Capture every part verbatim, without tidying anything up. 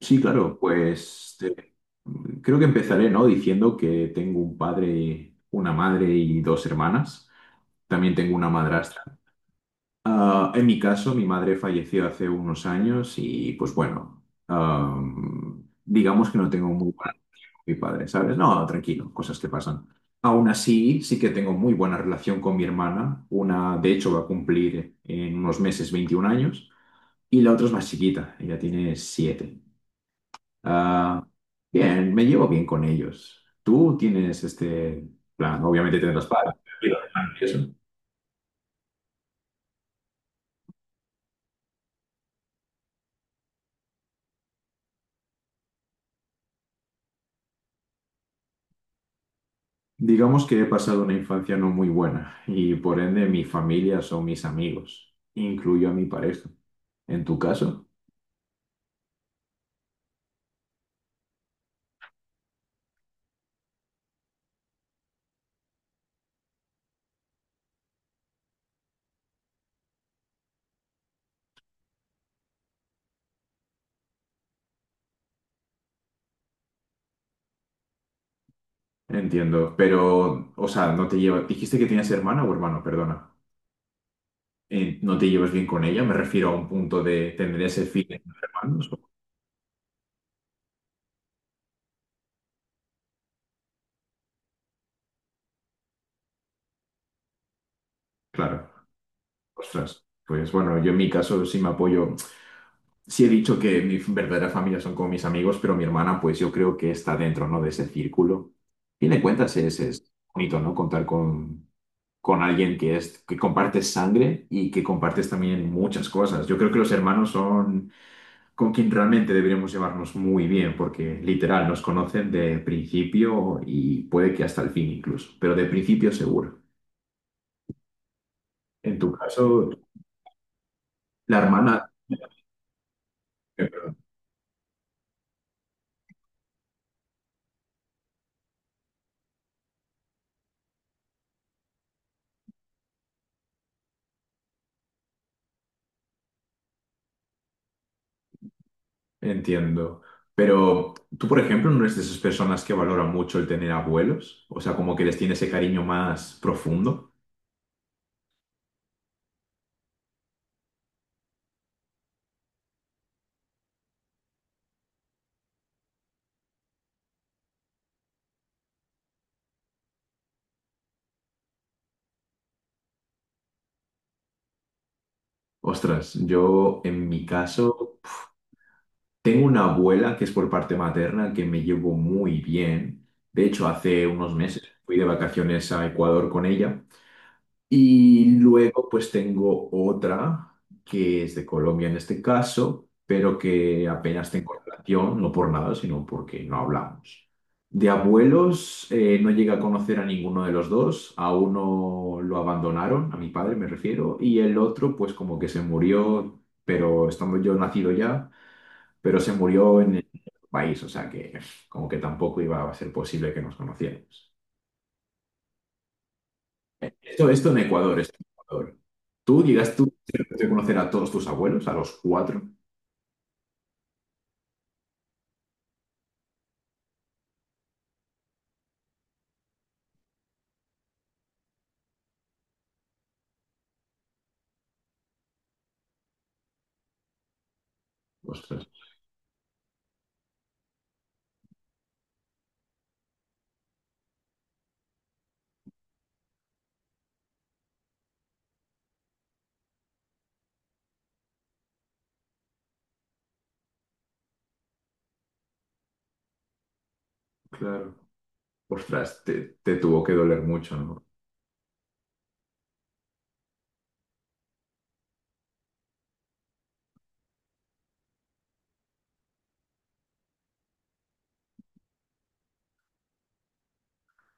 Sí, claro, pues te- creo que empezaré, ¿no? Diciendo que tengo un padre, una madre y dos hermanas. También tengo una madrastra. Ah, en mi caso, mi madre falleció hace unos años y pues bueno, ah, digamos que no tengo muy buena relación con mi padre, ¿sabes? No, tranquilo, cosas que pasan. Aún así, sí que tengo muy buena relación con mi hermana. Una, de hecho, va a cumplir en unos meses veintiún años y la otra es más chiquita, ella tiene siete. Ah, Bien, me llevo bien con ellos. Tú tienes este plan, obviamente tendrás padres, pero eso. Digamos que he pasado una infancia no muy buena y por ende mi familia son mis amigos, incluyo a mi pareja. En tu caso, entiendo, pero, o sea, no te llevas, dijiste que tenías hermana o hermano, perdona. Eh, ¿no te llevas bien con ella? Me refiero a un punto de tener ese fin entre hermanos o- Claro, ostras. Pues bueno, yo en mi caso sí me apoyo. Sí he dicho que mi verdadera familia son como mis amigos, pero mi hermana, pues yo creo que está dentro, ¿no? De ese círculo. A fin de cuentas es, es bonito, ¿no? Contar con, con alguien que es, que compartes sangre y que compartes también muchas cosas. Yo creo que los hermanos son con quien realmente deberíamos llevarnos muy bien, porque literal nos conocen de principio y puede que hasta el fin incluso, pero de principio seguro. En tu caso, la hermana... Entiendo. Pero tú, por ejemplo, no eres de esas personas que valoran mucho el tener abuelos, o sea, como que les tiene ese cariño más profundo. Ostras, yo en mi caso tengo una abuela que es por parte materna que me llevo muy bien. De hecho, hace unos meses fui de vacaciones a Ecuador con ella. Y luego pues tengo otra que es de Colombia en este caso, pero que apenas tengo relación, no por nada, sino porque no hablamos. De abuelos eh, no llegué a conocer a ninguno de los dos, a uno lo abandonaron, a mi padre me refiero, y el otro pues como que se murió, pero estando yo nacido ya, pero se murió en el país, o sea que como que tampoco iba a ser posible que nos conociéramos. Esto, esto en Ecuador, esto en Ecuador. ¿Tú llegas tú a conocer a todos tus abuelos, a los cuatro? Ostras, claro. Ostras, te, te tuvo que doler mucho, ¿no?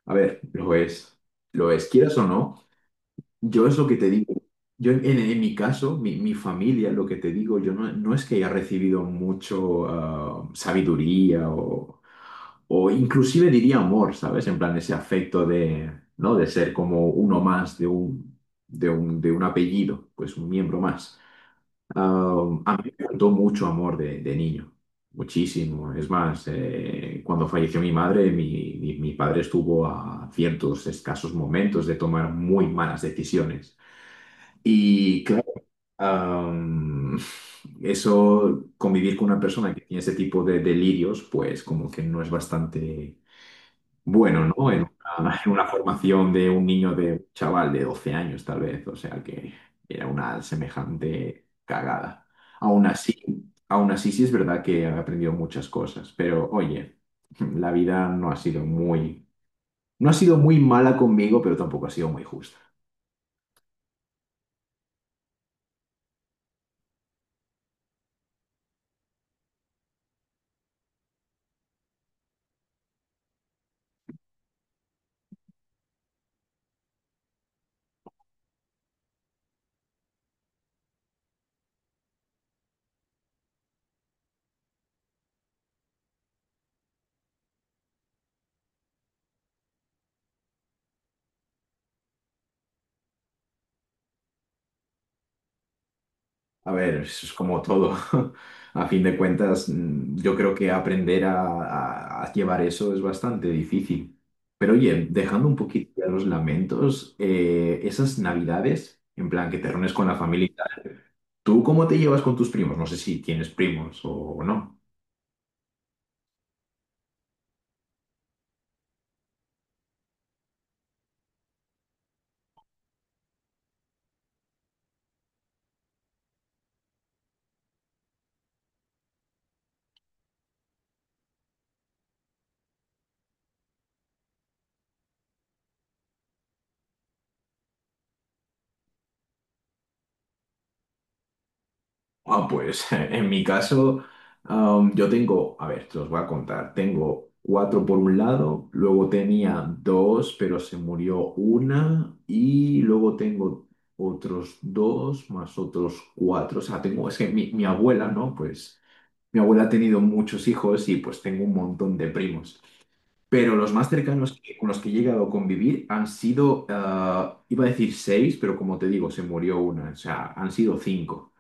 A ver, lo es, lo es, quieras o no. Yo es lo que te digo. Yo en, en mi caso, mi, mi familia, lo que te digo, yo no, no es que haya recibido mucho ah, sabiduría o, o inclusive diría amor, ¿sabes? En plan ese afecto de, ¿no? De ser como uno más de un, de un, de un apellido, pues un miembro más. Ah, a mí me faltó mucho amor de, de niño, muchísimo. Es más, eh, cuando falleció mi madre, mi, mi mi padre estuvo a ciertos escasos momentos de tomar muy malas decisiones. Y claro, am, eso, convivir con una persona que tiene ese tipo de delirios, pues como que no es bastante bueno, ¿no? En una, en una formación de un niño de un chaval de doce años, tal vez, o sea que era una semejante cagada. Aún así, aún así sí es verdad que he aprendido muchas cosas, pero oye, la vida no ha sido muy, no ha sido muy mala conmigo, pero tampoco ha sido muy justa. A ver, eso es como todo. A fin de cuentas, mm, yo creo que aprender a, a- a llevar eso es bastante difícil. Pero oye, dejando un poquito ya los lamentos, eh, esas navidades, en plan que te reúnes con la familia, y tal, ¿tú cómo te llevas con tus primos? No sé si tienes primos o no. Ah, pues en mi caso, am, yo tengo, a ver, te los voy a contar. Tengo cuatro por un lado, luego tenía dos, pero se murió una, y luego tengo otros dos más otros cuatro. O sea, tengo, es que mi, mi abuela, ¿no? Pues mi abuela ha tenido muchos hijos y pues tengo un montón de primos. Pero los más cercanos que- con los que he llegado a convivir han sido, ah, iba a decir seis, pero como te digo, se murió una. O sea, han sido cinco.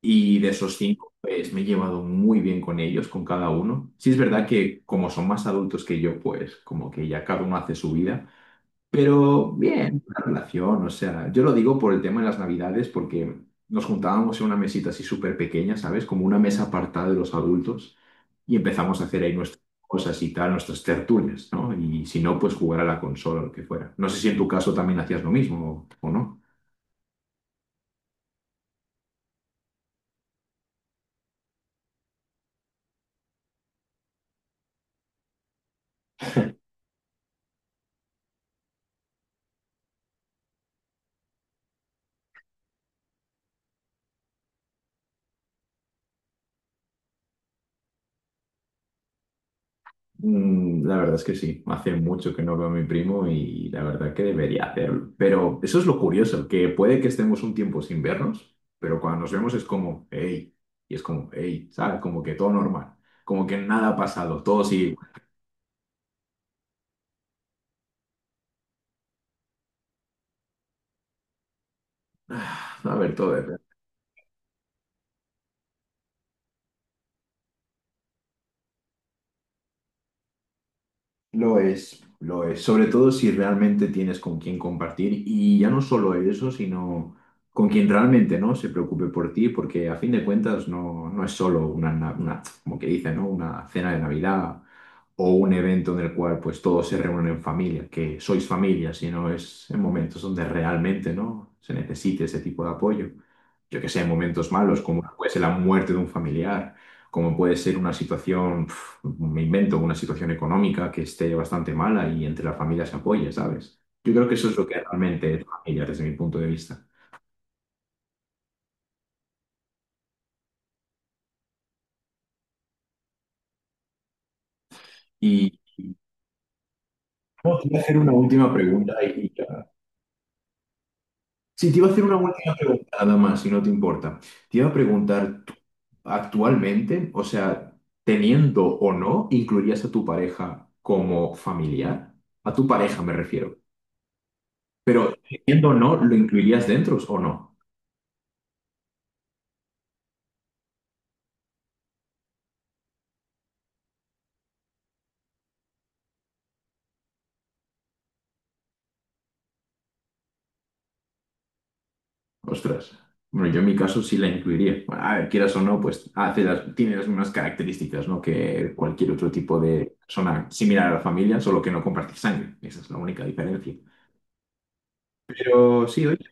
Y de esos cinco, pues me he llevado muy bien con ellos, con cada uno. Sí es verdad que como son más adultos que yo, pues como que ya cada uno hace su vida, pero bien, la relación, o sea, yo lo digo por el tema de las navidades, porque nos juntábamos en una mesita así súper pequeña, ¿sabes? Como una mesa apartada de los adultos y empezamos a hacer ahí nuestras cosas y tal, nuestras tertulias, ¿no? Y si no, pues jugar a la consola o lo que fuera. No sé si en tu caso también hacías lo mismo o o no. Mm, La verdad es que sí, hace mucho que no veo a mi primo y la verdad que debería hacerlo. Pero eso es lo curioso, que puede que estemos un tiempo sin vernos, pero cuando nos vemos es como, hey, y es como, hey, ¿sabes? Como que todo normal, como que nada ha pasado, todo sigue igual. Ah, A ver, todo, depende. Lo es, lo es. Sobre todo si realmente tienes con quién compartir y ya no solo eso, sino con quien realmente no se preocupe por ti, porque a fin de cuentas no, no es solo una, na- una, como que dice, ¿no? Una cena de Navidad o un evento en el cual pues todos se reúnen en familia, que sois familia, sino es en momentos donde realmente, ¿no? se necesite ese tipo de apoyo. Yo que sé, en momentos malos, como puede ser la muerte de un familiar, como puede ser una situación, pf, me invento, una situación económica que esté bastante mala y entre la familia se apoye, ¿sabes? Yo creo que eso es lo que realmente es familia desde mi punto de vista. Y y- no, te voy a hacer una última pregunta y- y ya. Sí, te iba a hacer una última pregunta nada más, si no te importa. Te iba a preguntar, ¿tú actualmente, o sea, teniendo o no, incluirías a tu pareja como familiar? A tu pareja me refiero. Pero teniendo o no, ¿lo incluirías dentro o no? Ostras. Bueno, yo en mi caso sí la incluiría. Bueno, a ver, quieras o no, pues hace las- tiene las mismas características, ¿no? Que cualquier otro tipo de persona similar a la familia, solo que no comparte sangre. Esa es la única diferencia. Pero sí, oye,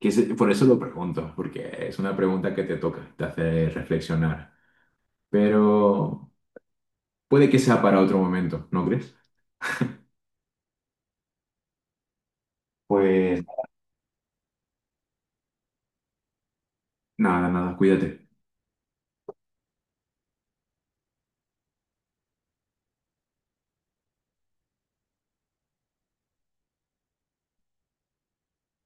que se- por eso lo pregunto, porque es una pregunta que te toca, te hace reflexionar. Pero puede que sea para otro momento, ¿no crees? Pues nada, nada, cuídate.